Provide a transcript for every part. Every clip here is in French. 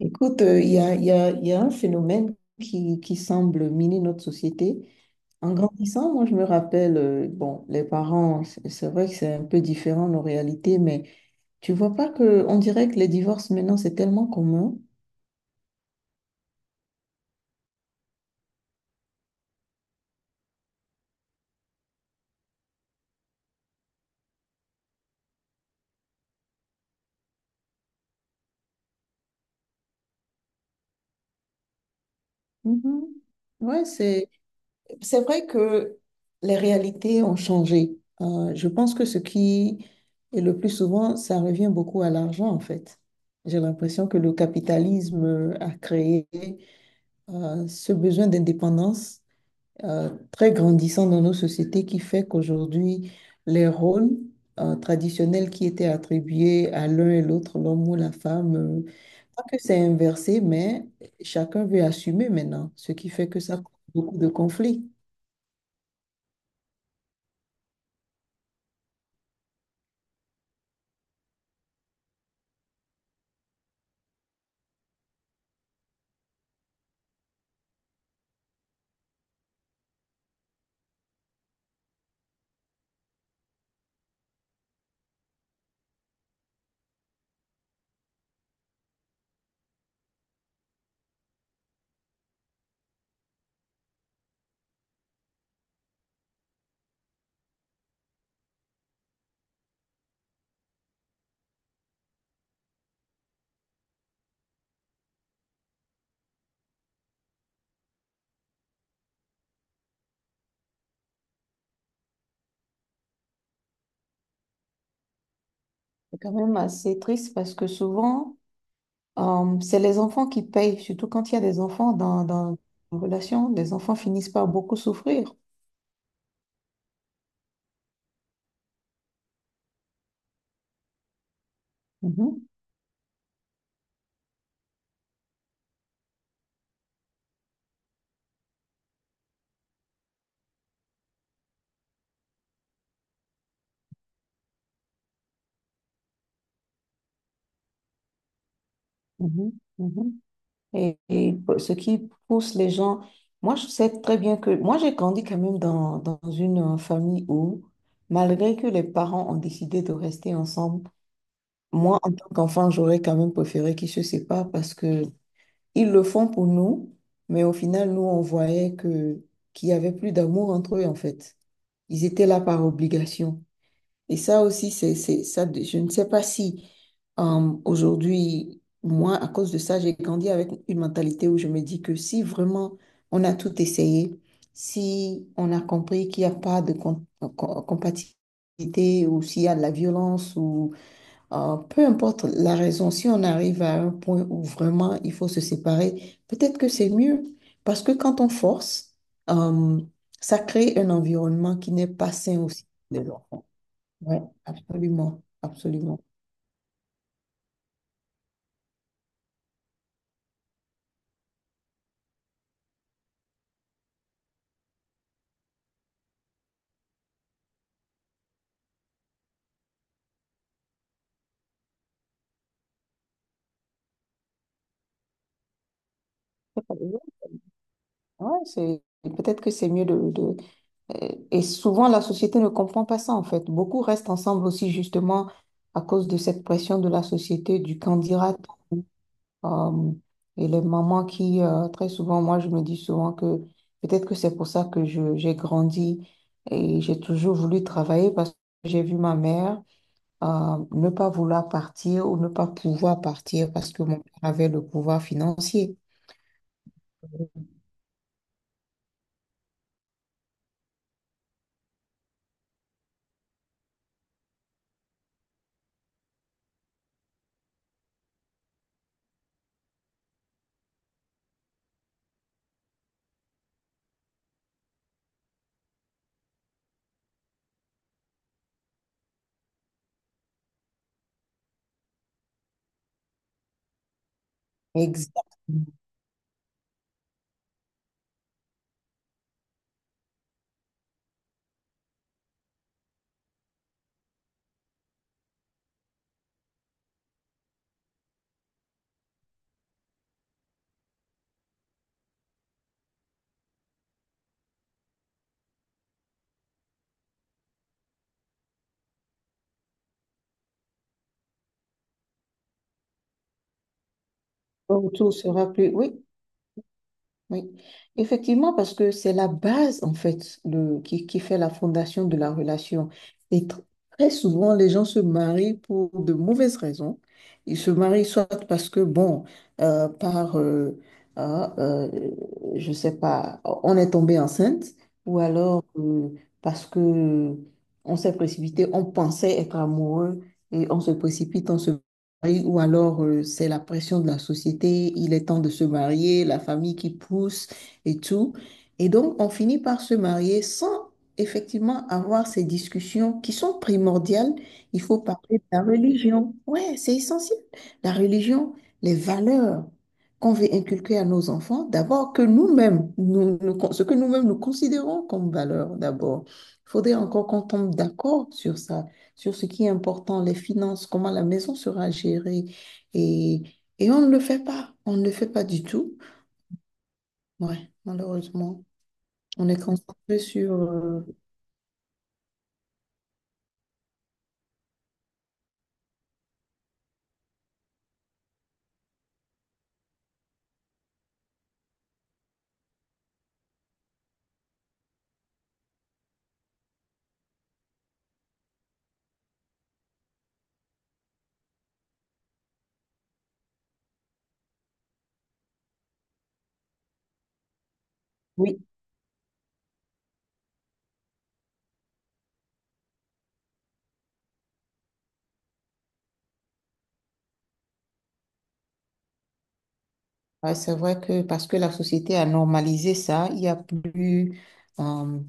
Écoute, il y a un phénomène qui semble miner notre société. En grandissant, moi, je me rappelle, bon, les parents, c'est vrai que c'est un peu différent nos réalités, mais tu vois pas que, on dirait que les divorces maintenant, c'est tellement commun. Mhm. Ouais, c'est vrai que les réalités ont changé. Je pense que ce qui est le plus souvent, ça revient beaucoup à l'argent, en fait. J'ai l'impression que le capitalisme a créé ce besoin d'indépendance très grandissant dans nos sociétés qui fait qu'aujourd'hui, les rôles traditionnels qui étaient attribués à l'un et l'autre, l'homme ou la femme, pas que c'est inversé, mais chacun veut assumer maintenant, ce qui fait que ça cause beaucoup de conflits. C'est quand même assez triste parce que souvent, c'est les enfants qui payent, surtout quand il y a des enfants dans une relation. Les enfants finissent par beaucoup souffrir. Mhm, mhm, mhm. Et ce qui pousse les gens, moi je sais très bien que moi j'ai grandi quand même dans une famille où, malgré que les parents ont décidé de rester ensemble, moi en tant qu'enfant, j'aurais quand même préféré qu'ils se séparent parce que ils le font pour nous, mais au final, nous, on voyait que qu'il y avait plus d'amour entre eux en fait. Ils étaient là par obligation. Et ça aussi, ça, je ne sais pas si aujourd'hui, moi, à cause de ça, j'ai grandi avec une mentalité où je me dis que si vraiment on a tout essayé, si on a compris qu'il n'y a pas de compatibilité ou s'il y a de la violence ou peu importe la raison, si on arrive à un point où vraiment il faut se séparer, peut-être que c'est mieux parce que quand on force, euh, ça crée un environnement qui n'est pas sain aussi de l'enfant. Ouais, absolument, absolument. Ouais, c'est peut-être que c'est mieux. Et souvent, la société ne comprend pas ça, en fait. Beaucoup restent ensemble aussi, justement, à cause de cette pression de la société, du candidat. Euh, et les mamans qui, très souvent, moi, je me dis souvent que peut-être que c'est pour ça que j'ai grandi et j'ai toujours voulu travailler parce que j'ai vu ma mère ne pas vouloir partir ou ne pas pouvoir partir parce que mon père avait le pouvoir financier. Exactement. Le retour sera plus. Oui, oui. Effectivement, parce que c'est la base, en fait, qui fait la fondation de la relation. Et très souvent, les gens se marient pour de mauvaises raisons. Ils se marient soit parce que, bon, euh, par, euh, ah, je sais pas, on est tombé enceinte, ou alors parce que on s'est précipité, on pensait être amoureux et on se précipite, on se mari ou alors c'est la pression de la société, il est temps de se marier, la famille qui pousse et tout. Et donc, on finit par se marier sans effectivement avoir ces discussions qui sont primordiales. Il faut parler de la religion. Ouais, c'est essentiel. La religion, les valeurs qu'on veut inculquer à nos enfants, d'abord que nous-mêmes, ce que nous-mêmes nous considérons comme valeurs, d'abord. Il faudrait encore qu'on tombe d'accord sur ça sur ce qui est important, les finances, comment la maison sera gérée. Et, et on ne le fait pas. On ne le fait pas du tout. Ouais, malheureusement. On est concentré sur. Oui, ouais, c'est vrai que parce que la société a normalisé ça, il n'y a plus euh,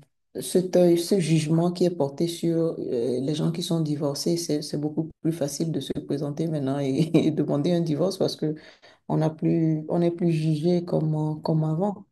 cet œil, ce jugement qui est porté sur les gens qui sont divorcés. C'est beaucoup plus facile de se présenter maintenant et, et demander un divorce parce que on n'a plus, on n'est plus jugé comme, comme avant.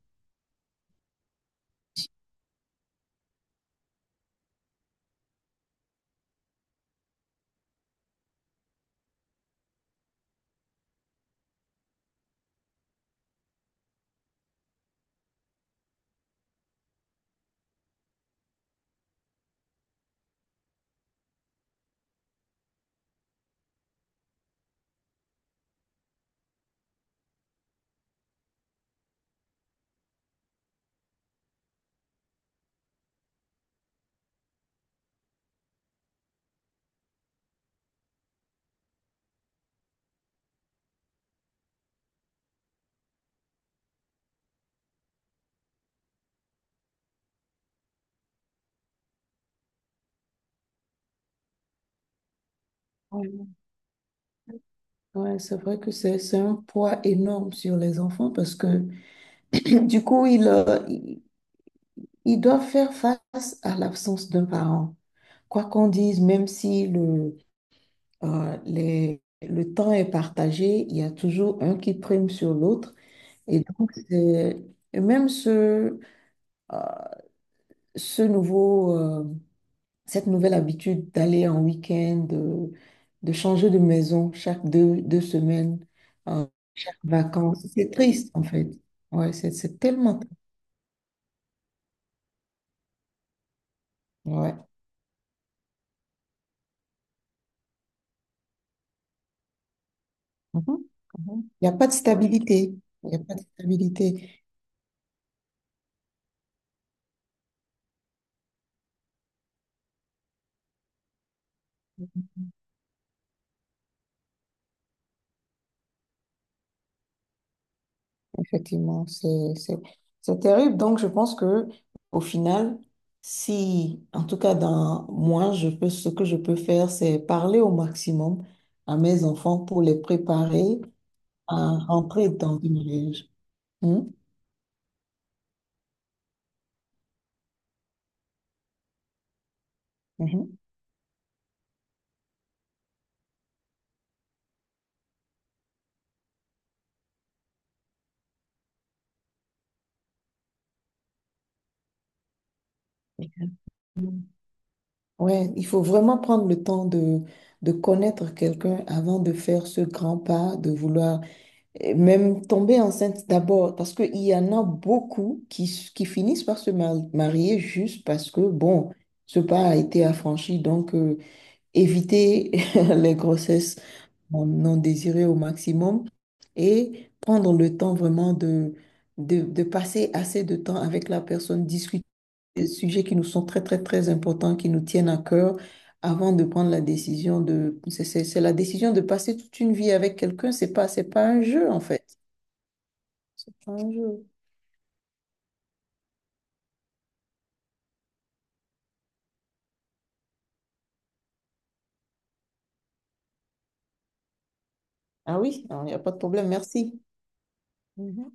Ouais, c'est vrai que c'est un poids énorme sur les enfants parce que du coup, ils doivent faire face à l'absence d'un parent. Quoi qu'on dise, même si le temps est partagé, il y a toujours un qui prime sur l'autre. Et donc, et même ce, euh, ce nouveau cette nouvelle habitude d'aller en week-end, de changer de maison chaque deux semaines, euh, chaque vacances. C'est triste, en fait. Ouais, c'est tellement triste. Ouais. Mhm. Mhm. Il n'y a pas de stabilité. Il n'y a pas de stabilité. Effectivement, c'est terrible. Donc, je pense que au final, si, en tout cas, dans moi, je peux, ce que je peux faire, c'est parler au maximum à mes enfants pour les préparer à rentrer dans une. Mhm, mhm. Mm. Ouais, il faut vraiment prendre le temps de connaître quelqu'un avant de faire ce grand pas, de vouloir même tomber enceinte d'abord, parce qu'il y en a beaucoup qui finissent par se marier juste parce que, bon, ce pas a été affranchi, donc éviter les grossesses mon non désiré au maximum et prendre le temps vraiment de passer assez de temps avec la personne, discuter des sujets qui nous sont très, très, très importants, qui nous tiennent à cœur, avant de prendre la décision de. C'est la décision de passer toute une vie avec quelqu'un, c'est pas un jeu en fait. C'est pas un jeu. Ah oui, alors, il n'y a pas de problème, merci. Mhm.